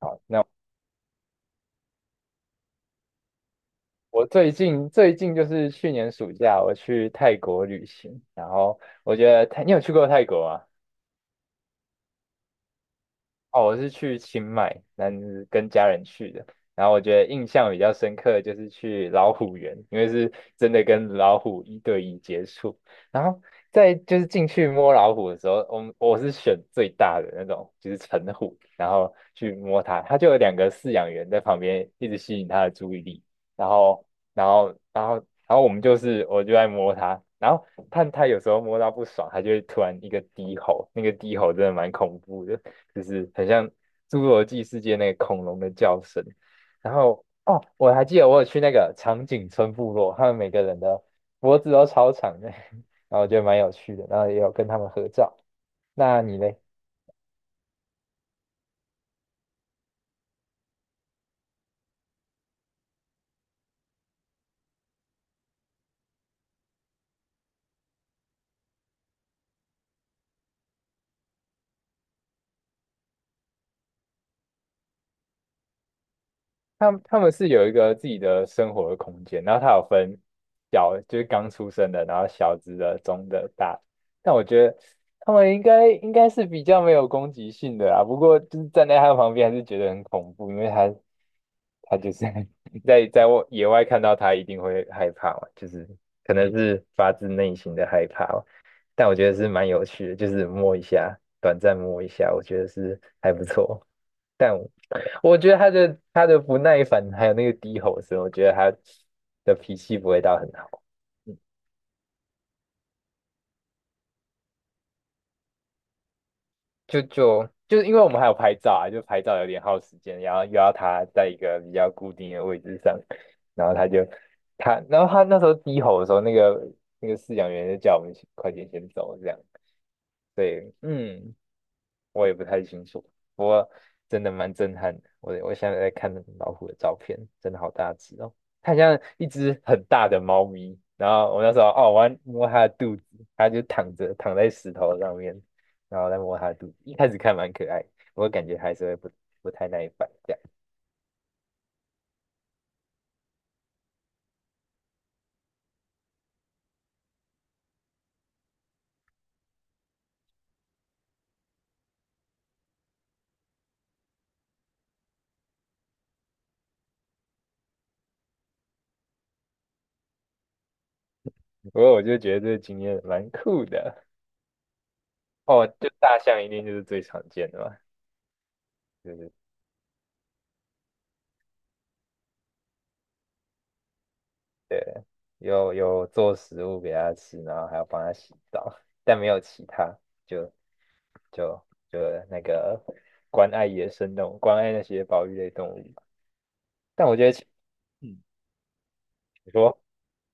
好，我最近就是去年暑假我去泰国旅行，然后我觉得泰，你有去过泰国吗？哦，我是去清迈，那是跟家人去的。然后我觉得印象比较深刻的就是去老虎园，因为是真的跟老虎一对一接触。然后在就是进去摸老虎的时候，我是选最大的那种，就是成虎，然后去摸它，它就有两个饲养员在旁边一直吸引它的注意力。然后，然后，然后，然后我们就是我就在摸它，然后它有时候摸到不爽，它就会突然一个低吼，那个低吼真的蛮恐怖的。就是很像侏罗纪世界那个恐龙的叫声。然后哦，我还记得我有去那个长颈村部落，他们每个人的脖子都超长的，然后我觉得蛮有趣的，然后也有跟他们合照。那你嘞？他们是有一个自己的生活的空间，然后它有分小，就是刚出生的，然后小只的、中的、大的。但我觉得他们应该是比较没有攻击性的啦，不过就是站在他旁边还是觉得很恐怖，因为他就是 在外野外看到他一定会害怕嘛，就是可能是发自内心的害怕吧。但我觉得是蛮有趣的，就是摸一下，短暂摸一下，我觉得是还不错。但我我觉得他的不耐烦还有那个低吼声，我觉得他的脾气不会到很好。嗯。就是因为我们还有拍照啊，就拍照有点耗时间，然后又要他在一个比较固定的位置上，然后他就他，然后他那时候低吼的时候，那个饲养员就叫我们快点先走这样，对，嗯，我也不太清楚，不过真的蛮震撼的。我现在在看老虎的照片，真的好大只哦，它很像一只很大的猫咪。然后我那时候哦，我要摸它的肚子，它就躺着躺在石头上面，然后再摸它的肚子。一开始看蛮可爱，我感觉还是会不不太耐烦这样。不过我就觉得这个经验蛮酷的哦。就大象一定就是最常见的嘛，就是。有做食物给它吃，然后还要帮它洗澡，但没有其他，就就就那个关爱野生动物，关爱那些保育类动物。但我觉得青，嗯，你说，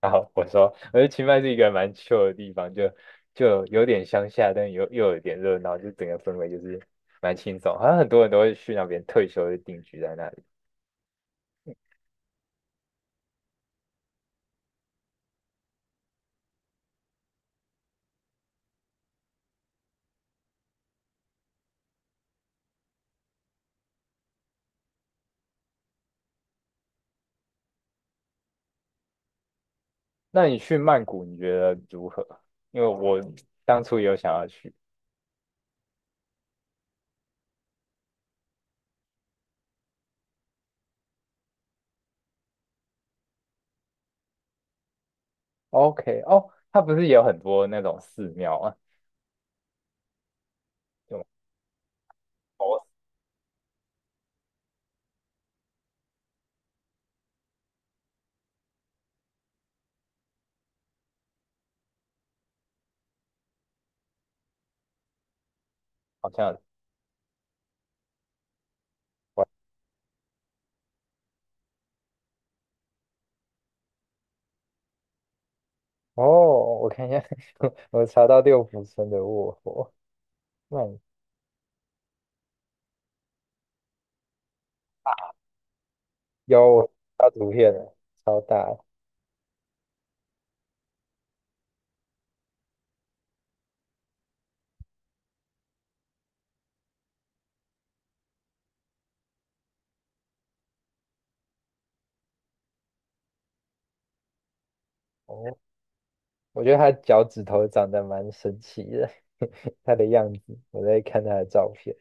然后我说，我觉得清迈是一个蛮 c h i l 的地方，就有点乡下，但又有点热闹，就整个氛围就是蛮轻松，好像很多人都会去那边退休就定居在那里。那你去曼谷，你觉得如何？因为我当初也有想要去。OK，哦，它不是也有很多那种寺庙啊？有吗哦，好像有哦，我看一下，我查到六福村的卧佛，那有发图片了，超大的哦，我觉得他脚趾头长得蛮神奇的，他的样子，我在看他的照片，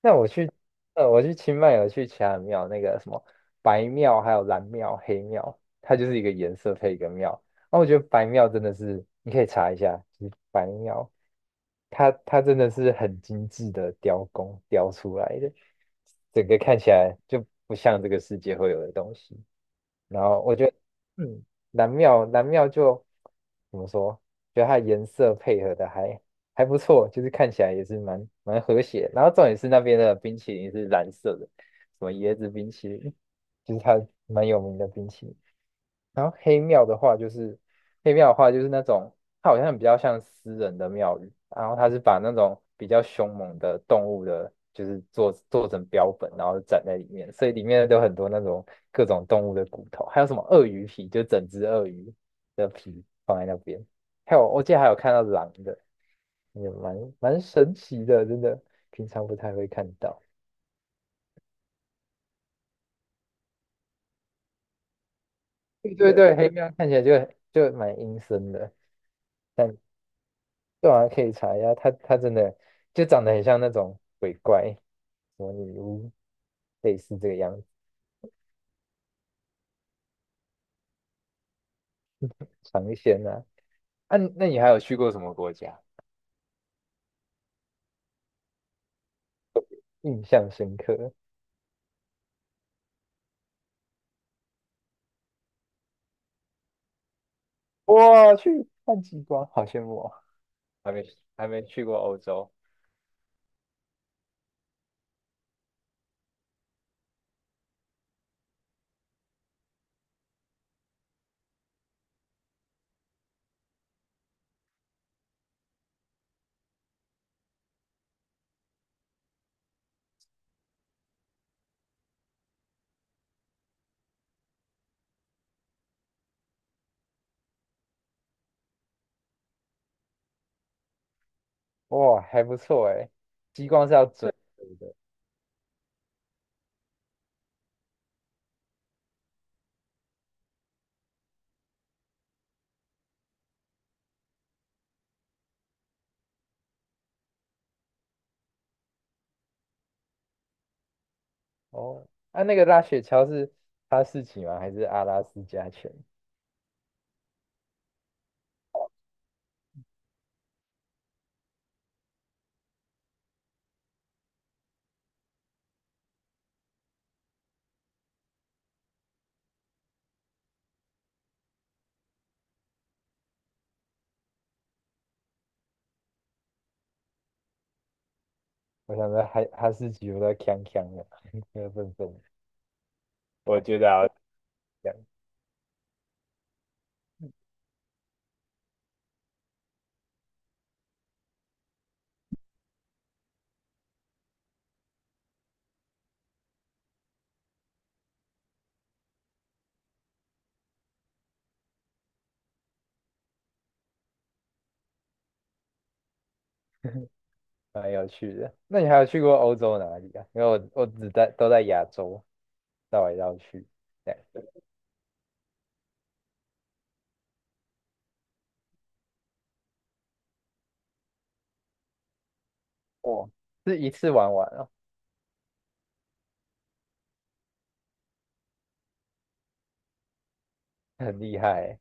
那我去，呃，我去清迈有去其他的庙，那个什么白庙、还有蓝庙、黑庙，它就是一个颜色配一个庙。然后我觉得白庙真的是，你可以查一下，就是白庙，它真的是很精致的雕工雕出来的，整个看起来就不像这个世界会有的东西。然后我觉得，嗯，蓝庙就怎么说？觉得它的颜色配合的还不错，就是看起来也是蛮和谐。然后重点是那边的冰淇淋是蓝色的，什么椰子冰淇淋，就是它蛮有名的冰淇淋。然后黑庙的话，就是那种它好像比较像私人的庙宇，然后它是把那种比较凶猛的动物的，就是做成标本，然后展在里面，所以里面都有很多那种各种动物的骨头，还有什么鳄鱼皮，就整只鳄鱼的皮放在那边，还有我记得还有看到狼的，也蛮神奇的，真的平常不太会看到。对对对，黑庙看起来就蛮阴森的。但。对啊，可以查一下，它真的就长得很像那种鬼怪，什么女巫，类似这个样子，尝鲜啊。啊，那你还有去过什么国家？印象深刻？哇，去看极光，好羡慕哦！还没还没去过欧洲，哇，还不错哎。极光是要追逐的哦。啊，那个拉雪橇是哈士奇吗？还是阿拉斯加犬？我想说哈士奇有点呛呛的，有点笨笨的。我觉得啊，这样蛮有趣的。那你还有去过欧洲哪里啊？因为我只在都在亚洲绕来绕去，这样哦，是一次玩完哦，很厉害欸。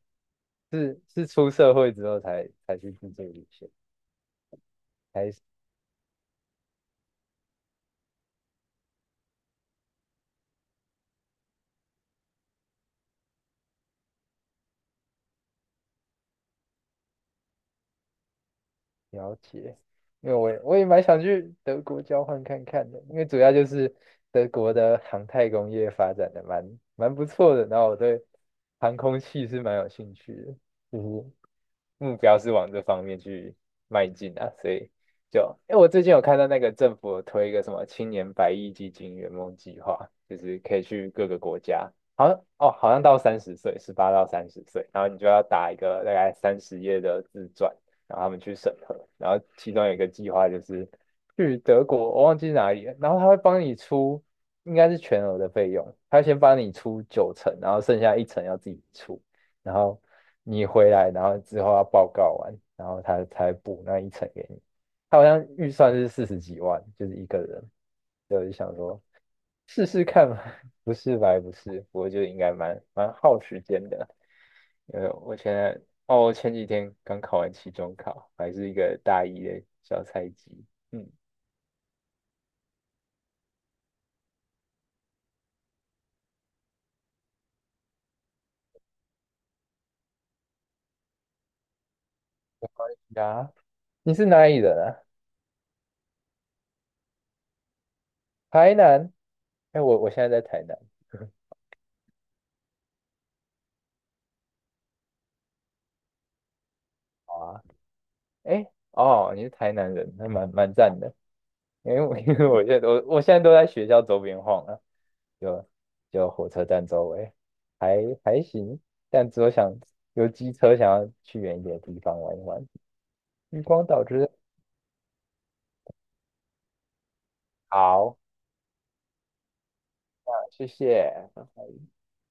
是是出社会之后才去自助旅行，才了解。因为我也蛮想去德国交换看看的，因为主要就是德国的航太工业发展的蛮不错的，然后我对航空器是蛮有兴趣的，就是目标是往这方面去迈进啊，所以就，哎，我最近有看到那个政府有推一个什么青年百亿基金圆梦计划，就是可以去各个国家，好像哦，好像到三十岁，18到30岁，然后你就要打一个大概30页的自传，然后他们去审核，然后其中有一个计划就是去德国，我忘记哪里了，然后他会帮你出，应该是全额的费用，他会先帮你出九成，然后剩下一成要自己出。然后你回来，然后之后要报告完，然后他才补那一层给你。他好像预算是40几万，就是一个人。所以我就想说试试看嘛，不是白不是，我就应该蛮耗时间的。因为我现在哦，我前几天刚考完期中考，还是一个大一的小菜鸡。嗯。啊，你是哪里人啊？台南？哎，我现在在台南。好啊，哎，哦，你是台南人，那蛮赞的。因为我 因为我现在都在学校周边晃了，就就火车站周围，还还行，但只有想有机车想要去远一点的地方玩一玩。渔光岛就是好，谢谢。